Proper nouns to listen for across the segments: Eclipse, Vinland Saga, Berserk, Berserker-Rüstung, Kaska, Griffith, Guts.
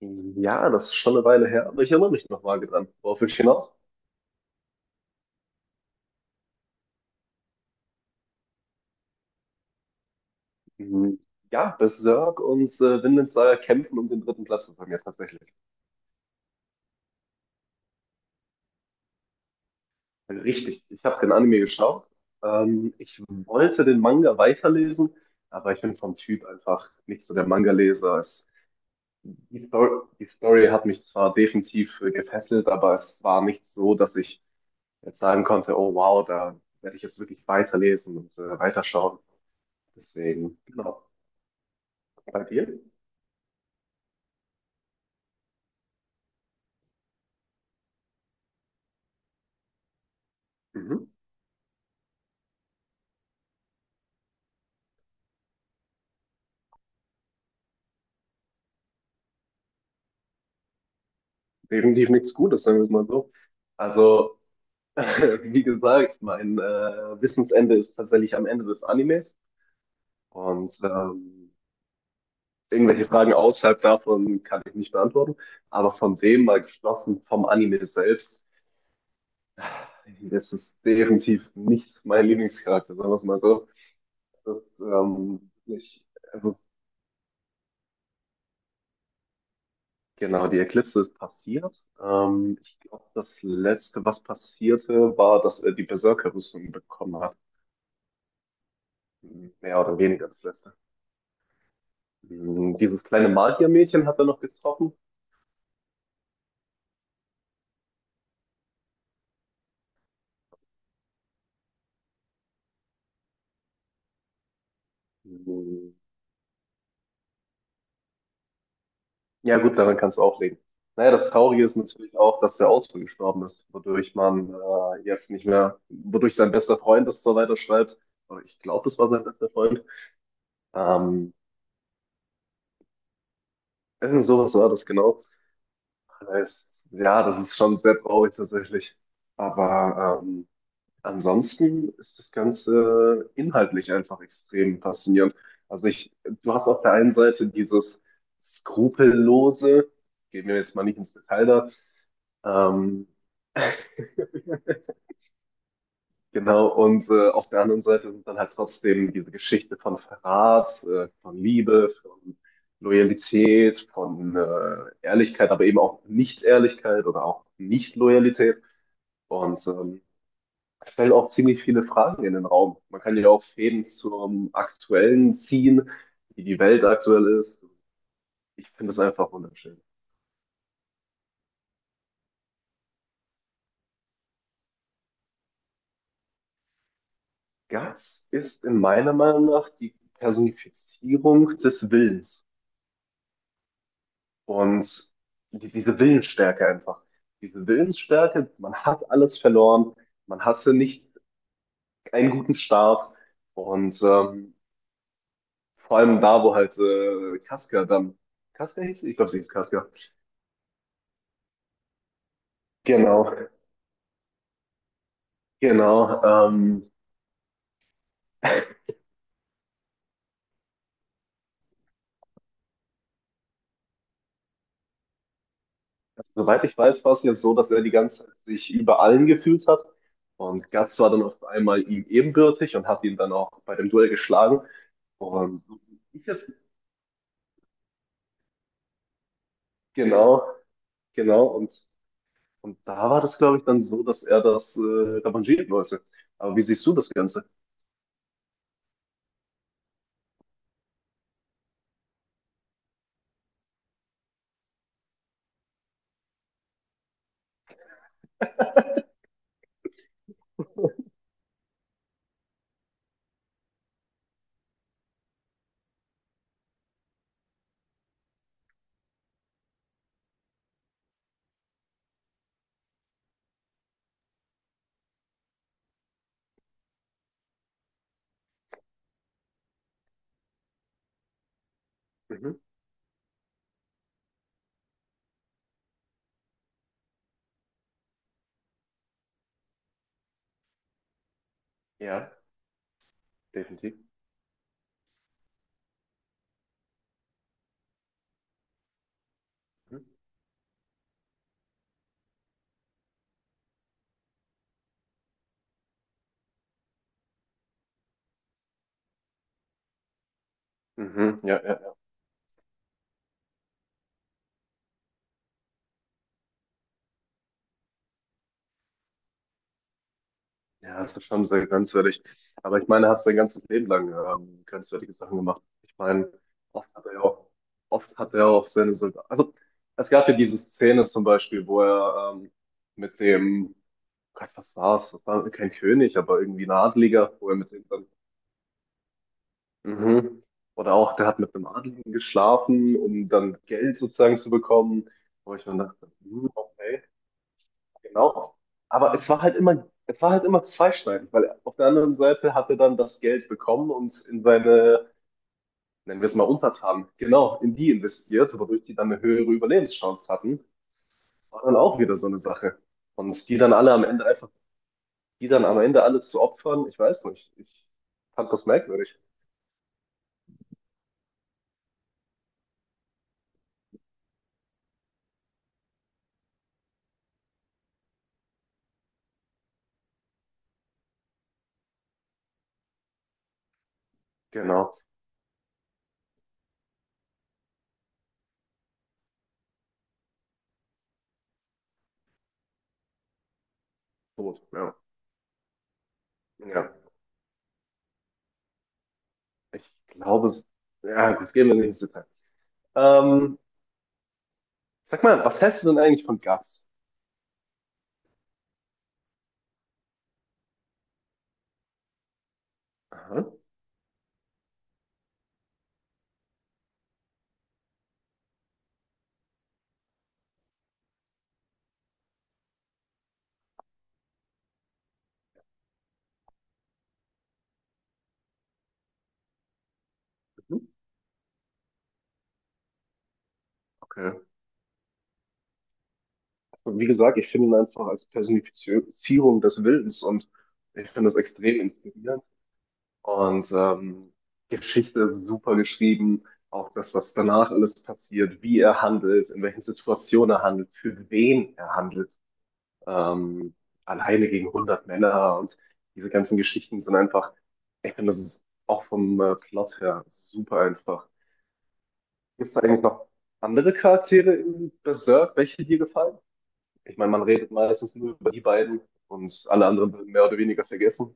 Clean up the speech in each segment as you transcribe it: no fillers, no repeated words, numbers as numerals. Ja, das ist schon eine Weile her, aber ich erinnere mich noch vage dran. Worauf will ich hinaus? Mhm. Ja, Berserk und Vinland Saga kämpfen um den dritten Platz bei mir tatsächlich. Richtig, ich habe den Anime geschaut. Ich wollte den Manga weiterlesen, aber ich bin vom Typ einfach nicht so der Manga-Leser. Es- Die Story, die Story hat mich zwar definitiv gefesselt, aber es war nicht so, dass ich jetzt sagen konnte, oh wow, da werde ich jetzt wirklich weiterlesen und weiterschauen. Deswegen, genau. Bei dir? Mhm. Definitiv nichts Gutes, sagen wir es mal so. Also, wie gesagt, mein Wissensende ist tatsächlich am Ende des Animes und irgendwelche Fragen außerhalb davon kann ich nicht beantworten. Aber von dem mal geschlossen, vom Anime selbst, das ist definitiv nicht mein Lieblingscharakter, sagen wir es mal so. Das, ich, es ist, Genau, die Eclipse ist passiert. Ich glaube, das Letzte, was passierte, war, dass er die Berserker-Rüstung bekommen hat. Mehr oder weniger das Beste. Dieses kleine Magiermädchen hat er noch getroffen. Hm. Ja gut, daran kannst du auch legen. Naja, das Traurige ist natürlich auch, dass der Autor gestorben ist, wodurch man jetzt nicht mehr, wodurch sein bester Freund das zwar weiterschreibt, aber ich glaube, das war sein bester Freund. Ähm, irgend sowas war das genau. Das heißt, ja, das ist schon sehr traurig tatsächlich. Aber ansonsten ist das Ganze inhaltlich einfach extrem faszinierend. Also ich, du hast auf der einen Seite dieses Skrupellose, gehen wir jetzt mal nicht ins Detail da, ähm, genau, und auf der anderen Seite sind dann halt trotzdem diese Geschichte von Verrat, von Liebe, von Loyalität, von Ehrlichkeit, aber eben auch Nicht-Ehrlichkeit oder auch Nicht-Loyalität. Und stelle auch ziemlich viele Fragen in den Raum. Man kann ja auch Fäden zum Aktuellen ziehen, wie die Welt aktuell ist. Ich finde es einfach wunderschön. Guts ist in meiner Meinung nach die Personifizierung des Willens und diese Willensstärke einfach. Diese Willensstärke, man hat alles verloren, man hatte nicht einen guten Start und vor allem da, wo halt Kaska dann, Kaska hieß, sie? Ich glaube, sie hieß Kaska. Genau, genau. Also, soweit ich weiß, war es jetzt so, dass er die ganze Zeit sich über allen gefühlt hat. Und Guts war dann auf einmal ihm ebenbürtig und hat ihn dann auch bei dem Duell geschlagen. Und so wie ich es, genau, genau. Und da war das, glaube ich, dann so, dass er das revanchieren wollte. Aber wie siehst du das Ganze? Mhm. Ja, definitiv. Mhm. Mhm. Ja, ja. Ja, das ist schon sehr grenzwertig. Aber ich meine, er hat sein ganzes Leben lang grenzwertige Sachen gemacht. Ich meine, oft hat er ja auch, oft hat er auch seine Soldaten. Also, es gab ja diese Szene zum Beispiel, wo er mit dem, Gott, was war's? Das war kein König, aber irgendwie ein Adliger, wo er mit dem dann. Mhm. Oder auch, der hat mit einem Adligen geschlafen, um dann Geld sozusagen zu bekommen. Wo ich mir dachte, hm, okay. Genau. Aber es war halt immer zweischneidend, weil auf der anderen Seite hat er dann das Geld bekommen und in seine, nennen wir es mal Untertanen, genau, in die investiert, wodurch die dann eine höhere Überlebenschance hatten. War dann auch wieder so eine Sache. Und die dann am Ende alle zu opfern, ich weiß nicht. Ich fand das merkwürdig. Genau. Tot, ja. Ja. Ich glaube es. Ja, gut, gehen wir nicht ins Detail. Ähm, sag mal, was hältst du denn eigentlich von Guts? Aha. Mhm. Okay. Und wie gesagt, ich finde ihn einfach als Personifizierung des Wildens und ich finde das extrem inspirierend. Und Geschichte ist super geschrieben, auch das, was danach alles passiert, wie er handelt, in welchen Situationen er handelt, für wen er handelt, ähm, alleine gegen 100 Männer und diese ganzen Geschichten sind einfach, ich finde, das ist auch vom Plot her super einfach. Gibt es da eigentlich noch andere Charaktere in Berserk, welche dir gefallen? Ich meine, man redet meistens nur über die beiden und alle anderen werden mehr oder weniger vergessen.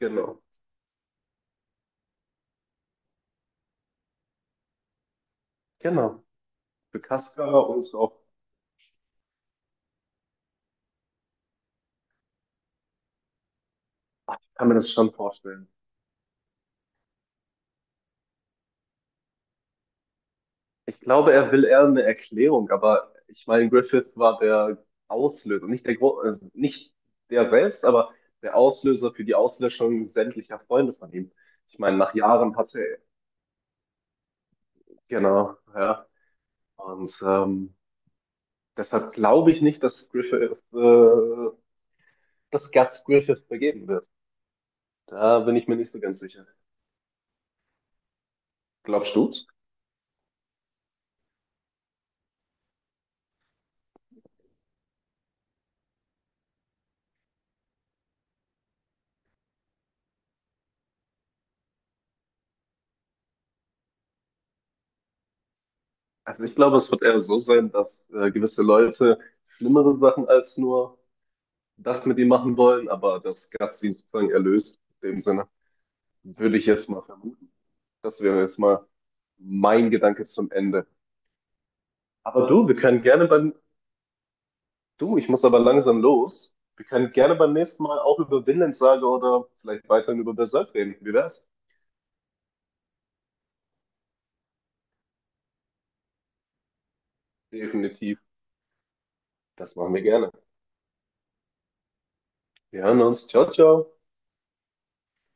Genau. Genau. Für Kaska und auch, ach, ich kann mir das schon vorstellen. Ich glaube, er will eher eine Erklärung, aber ich meine, Griffith war der Auslöser, nicht der, Gro also nicht der selbst, aber der Auslöser für die Auslöschung sämtlicher Freunde von ihm. Ich meine, nach Jahren hatte er, genau, ja. Und deshalb glaube ich nicht, dass Guts Griffith vergeben wird. Da bin ich mir nicht so ganz sicher. Glaubst du's? Also ich glaube, es wird eher so sein, dass gewisse Leute schlimmere Sachen als nur das mit ihm machen wollen, aber dass Gott sie sozusagen erlöst. In dem Sinne würde ich jetzt mal vermuten. Das wäre jetzt mal mein Gedanke zum Ende. Aber du, wir können gerne beim, du, ich muss aber langsam los. Wir können gerne beim nächsten Mal auch über Vinland-Saga oder vielleicht weiterhin über Berserk reden. Wie wär's? Definitiv. Das machen wir gerne. Wir hören uns. Ciao, ciao.